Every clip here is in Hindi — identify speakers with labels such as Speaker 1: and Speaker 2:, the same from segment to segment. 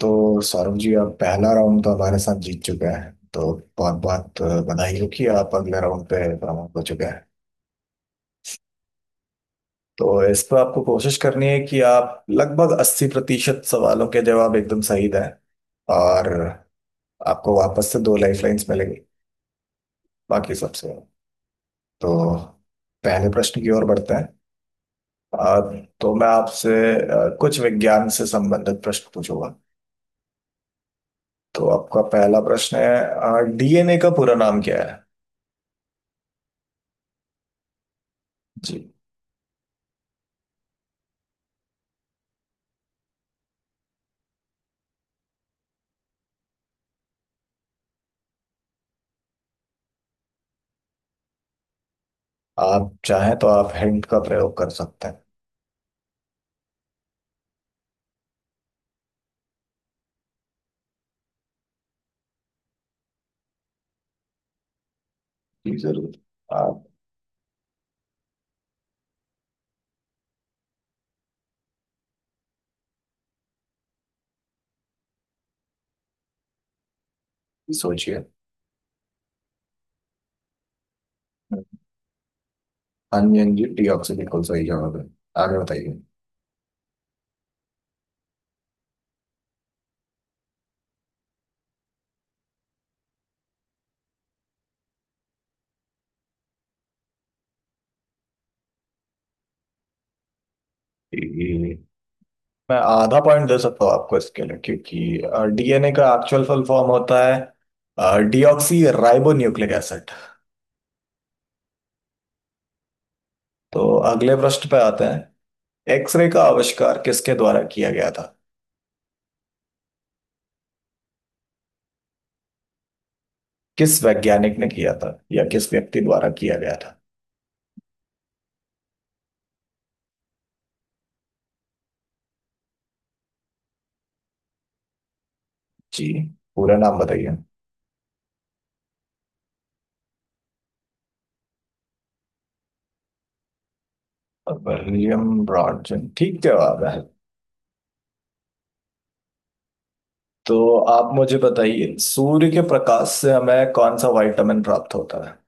Speaker 1: तो सौरभ जी आप पहला राउंड तो हमारे साथ जीत चुके हैं तो बहुत बहुत बधाई हो कि आप अगले राउंड पे प्रमोट हो चुके हैं। तो इस पर आपको कोशिश करनी है कि आप लगभग 80% सवालों के जवाब एकदम सही दें, और आपको वापस से दो लाइफ लाइन्स मिलेंगी। बाकी सबसे तो पहले प्रश्न की ओर बढ़ते हैं। अ, तो मैं आपसे कुछ विज्ञान से संबंधित प्रश्न पूछूंगा। तो आपका पहला प्रश्न है, डीएनए का पूरा नाम क्या है? जी। आप चाहें तो आप हिंट का प्रयोग कर सकते हैं। जी जरूर। आप ही सोचिए। हाँ जी, हाँ जी, टी ऑक्सी बिल्कुल सही जवाब है। आगे बताइए। जी, मैं आधा पॉइंट दे सकता हूँ आपको इसके लिए, क्योंकि डीएनए का एक्चुअल फुल फॉर्म होता है डीऑक्सी राइबो न्यूक्लिक एसिड। तो अगले प्रश्न पे आते हैं। एक्सरे का आविष्कार किसके द्वारा किया गया था? किस वैज्ञानिक ने किया था, या किस व्यक्ति द्वारा किया गया था? जी, पूरा नाम बताइए। विलियम ब्रॉडजन ठीक जवाब है। तो आप मुझे बताइए, सूर्य के प्रकाश से हमें कौन सा विटामिन प्राप्त होता है?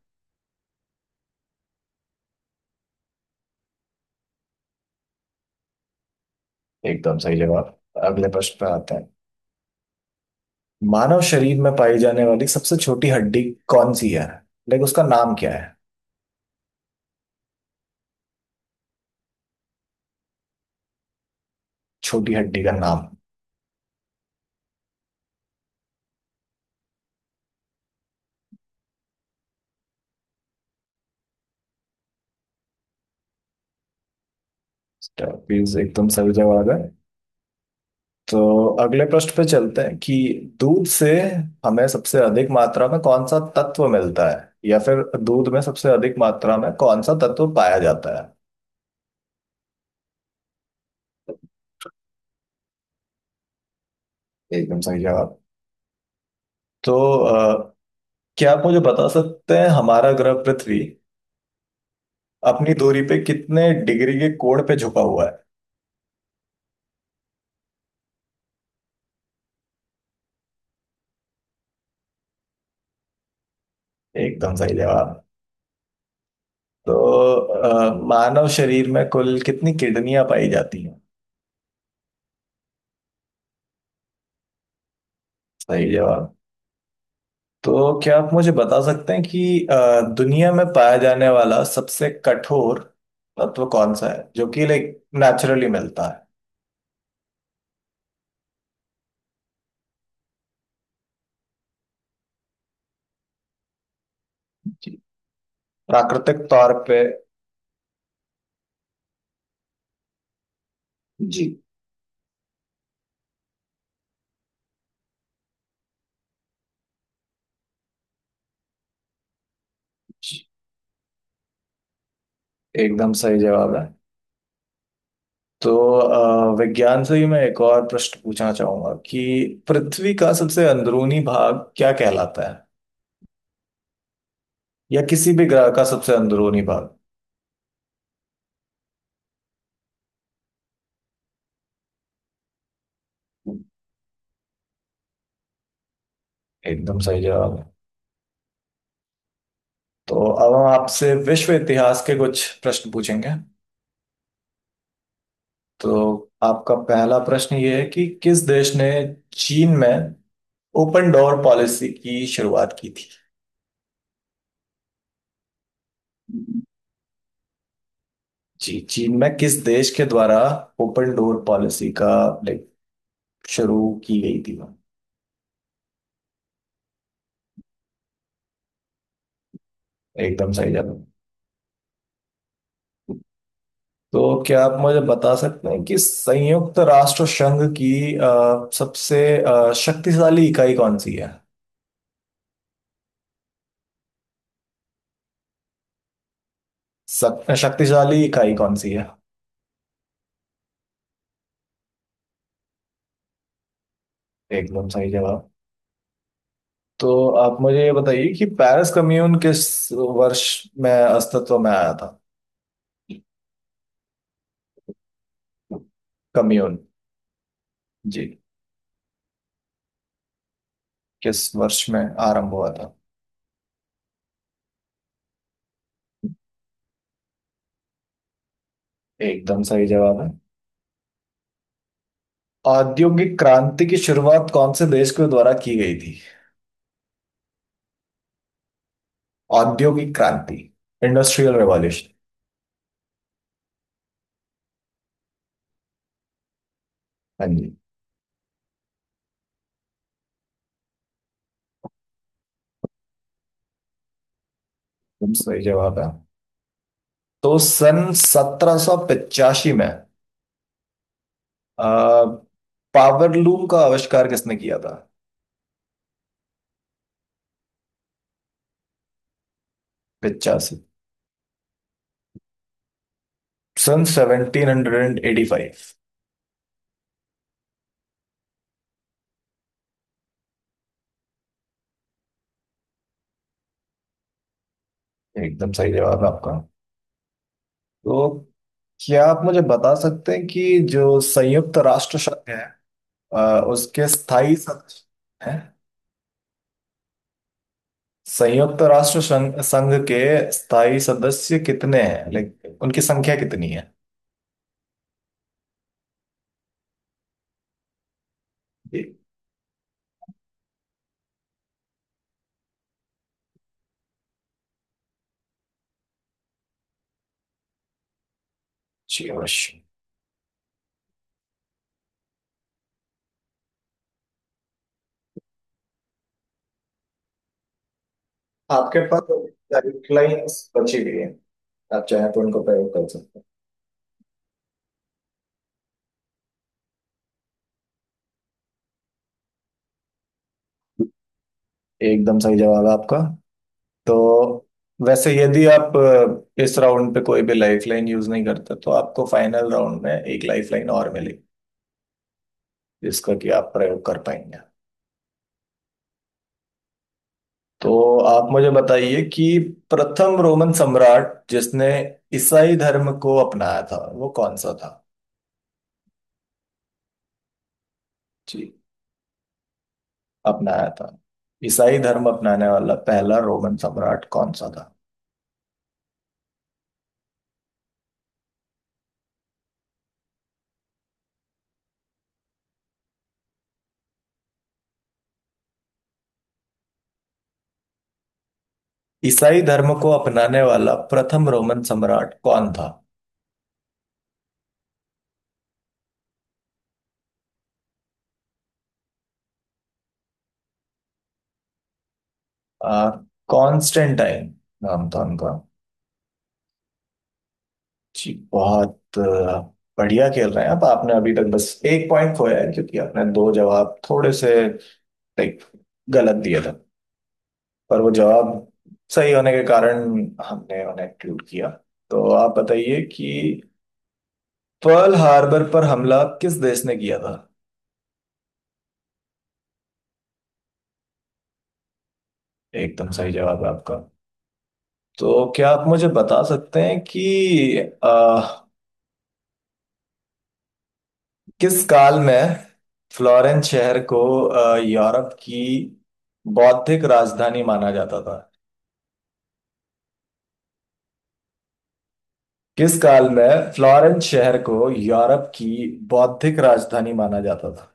Speaker 1: एकदम सही जवाब। अगले प्रश्न पे आते हैं। मानव शरीर में पाई जाने वाली सबसे छोटी हड्डी कौन सी है? लाइक उसका नाम क्या है? छोटी हड्डी का नाम। प्लीज, एकदम सही जवाब है। तो अगले प्रश्न पे चलते हैं कि दूध से हमें सबसे अधिक मात्रा में कौन सा तत्व मिलता है, या फिर दूध में सबसे अधिक मात्रा में कौन सा तत्व पाया जाता है? एकदम सही जवाब। तो अ, क्या आप मुझे बता सकते हैं, हमारा ग्रह पृथ्वी अपनी दूरी पे कितने डिग्री के कोण पे झुका हुआ है? एकदम सही जवाब। तो मानव शरीर में कुल कितनी किडनियां पाई जाती हैं? सही जवाब। तो क्या आप मुझे बता सकते हैं कि दुनिया में पाया जाने वाला सबसे कठोर तत्व कौन सा है, जो कि लाइक नेचुरली मिलता है? जी, प्राकृतिक तौर पे। जी। जी, एकदम सही जवाब है। तो विज्ञान से ही मैं एक और प्रश्न पूछना चाहूंगा कि पृथ्वी का सबसे अंदरूनी भाग क्या कहलाता है, या किसी भी ग्रह का सबसे अंदरूनी भाग? एकदम सही जवाब है। तो अब हम आपसे विश्व इतिहास के कुछ प्रश्न पूछेंगे। तो आपका पहला प्रश्न ये है कि किस देश ने चीन में ओपन डोर पॉलिसी की शुरुआत की थी? जी, चीन में किस देश के द्वारा ओपन डोर पॉलिसी का लाइक शुरू की गई थी? एकदम सही जवाब। तो क्या आप मुझे बता सकते हैं कि संयुक्त राष्ट्र संघ की सबसे शक्तिशाली इकाई कौन सी है? शक्तिशाली इकाई कौन सी है? एकदम सही जवाब। तो आप मुझे ये बताइए कि पेरिस कम्यून किस वर्ष में अस्तित्व में आया था? कम्यून। जी, किस वर्ष में आरंभ हुआ था? एकदम सही जवाब है। औद्योगिक क्रांति की शुरुआत कौन से देश के द्वारा की गई थी? औद्योगिक क्रांति, इंडस्ट्रियल रेवोल्यूशन। हाँ जी। एकदम सही जवाब है। तो सन 1785 में आ, पावरलूम का आविष्कार किसने किया था? 85, सन 1785। एकदम सही जवाब है आपका। तो क्या आप मुझे बता सकते हैं कि जो संयुक्त राष्ट्र संघ है, उसके स्थायी सदस्य हैं? संयुक्त राष्ट्र संघ संघ के स्थायी सदस्य कितने हैं, लाइक उनकी संख्या कितनी है? जी। जी अवश्य। आपके पास गाइडलाइंस बची हुई है, आप चाहें तो उनको प्रयोग कर सकते हैं। एकदम सही जवाब है आपका। तो वैसे यदि आप इस राउंड पे कोई भी लाइफलाइन यूज नहीं करते तो आपको फाइनल राउंड में एक लाइफलाइन और मिलेगी, जिसका कि आप प्रयोग कर पाएंगे। तो आप मुझे बताइए कि प्रथम रोमन सम्राट जिसने ईसाई धर्म को अपनाया था वो कौन सा था? जी, अपनाया था। ईसाई धर्म अपनाने वाला पहला रोमन सम्राट कौन सा था? ईसाई धर्म को अपनाने वाला प्रथम रोमन सम्राट कौन था? आ, कॉन्स्टेंटाइन नाम था उनका। जी, बहुत बढ़िया खेल रहे हैं आप। आपने अभी तक बस एक पॉइंट खोया है, क्योंकि आपने दो जवाब थोड़े से लाइक गलत दिया था, पर वो जवाब सही होने के कारण हमने उन्हें include किया। तो आप बताइए कि पर्ल हार्बर पर हमला किस देश ने किया था? एकदम सही जवाब है आपका। तो क्या आप मुझे बता सकते हैं कि आ, किस काल में फ्लोरेंस शहर को यूरोप की बौद्धिक राजधानी माना जाता था? किस काल में फ्लोरेंस शहर को यूरोप की बौद्धिक राजधानी माना जाता था?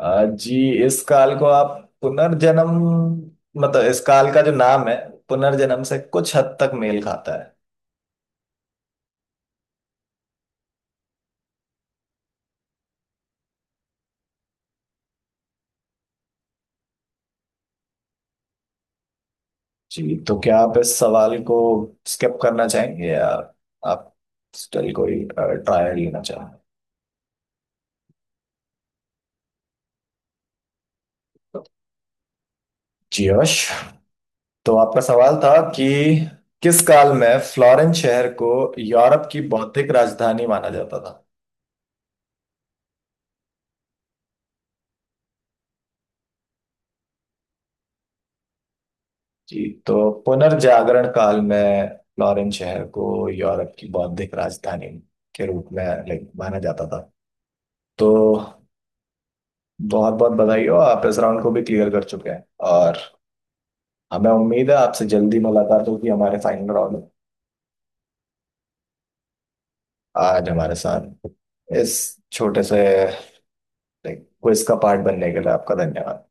Speaker 1: जी। इस काल को आप पुनर्जन्म, मतलब इस काल का जो नाम है पुनर्जन्म से कुछ हद तक मेल खाता है। जी, तो क्या आप इस सवाल को स्किप करना चाहेंगे, या आप स्टिल कोई ट्रायल लेना चाहेंगे? जी यश। तो आपका सवाल था कि किस काल में फ्लोरेंस शहर को यूरोप की बौद्धिक राजधानी माना जाता था। जी, तो पुनर्जागरण काल में फ्लोरेंस शहर को यूरोप की बौद्धिक राजधानी के रूप में लाइक माना जाता था। तो बहुत बहुत बधाई हो, आप इस राउंड को भी क्लियर कर चुके हैं, और हमें उम्मीद है आपसे जल्दी मुलाकात होगी हमारे फाइनल राउंड में। आज हमारे साथ इस छोटे से लाइक क्विज का पार्ट बनने के लिए आपका धन्यवाद।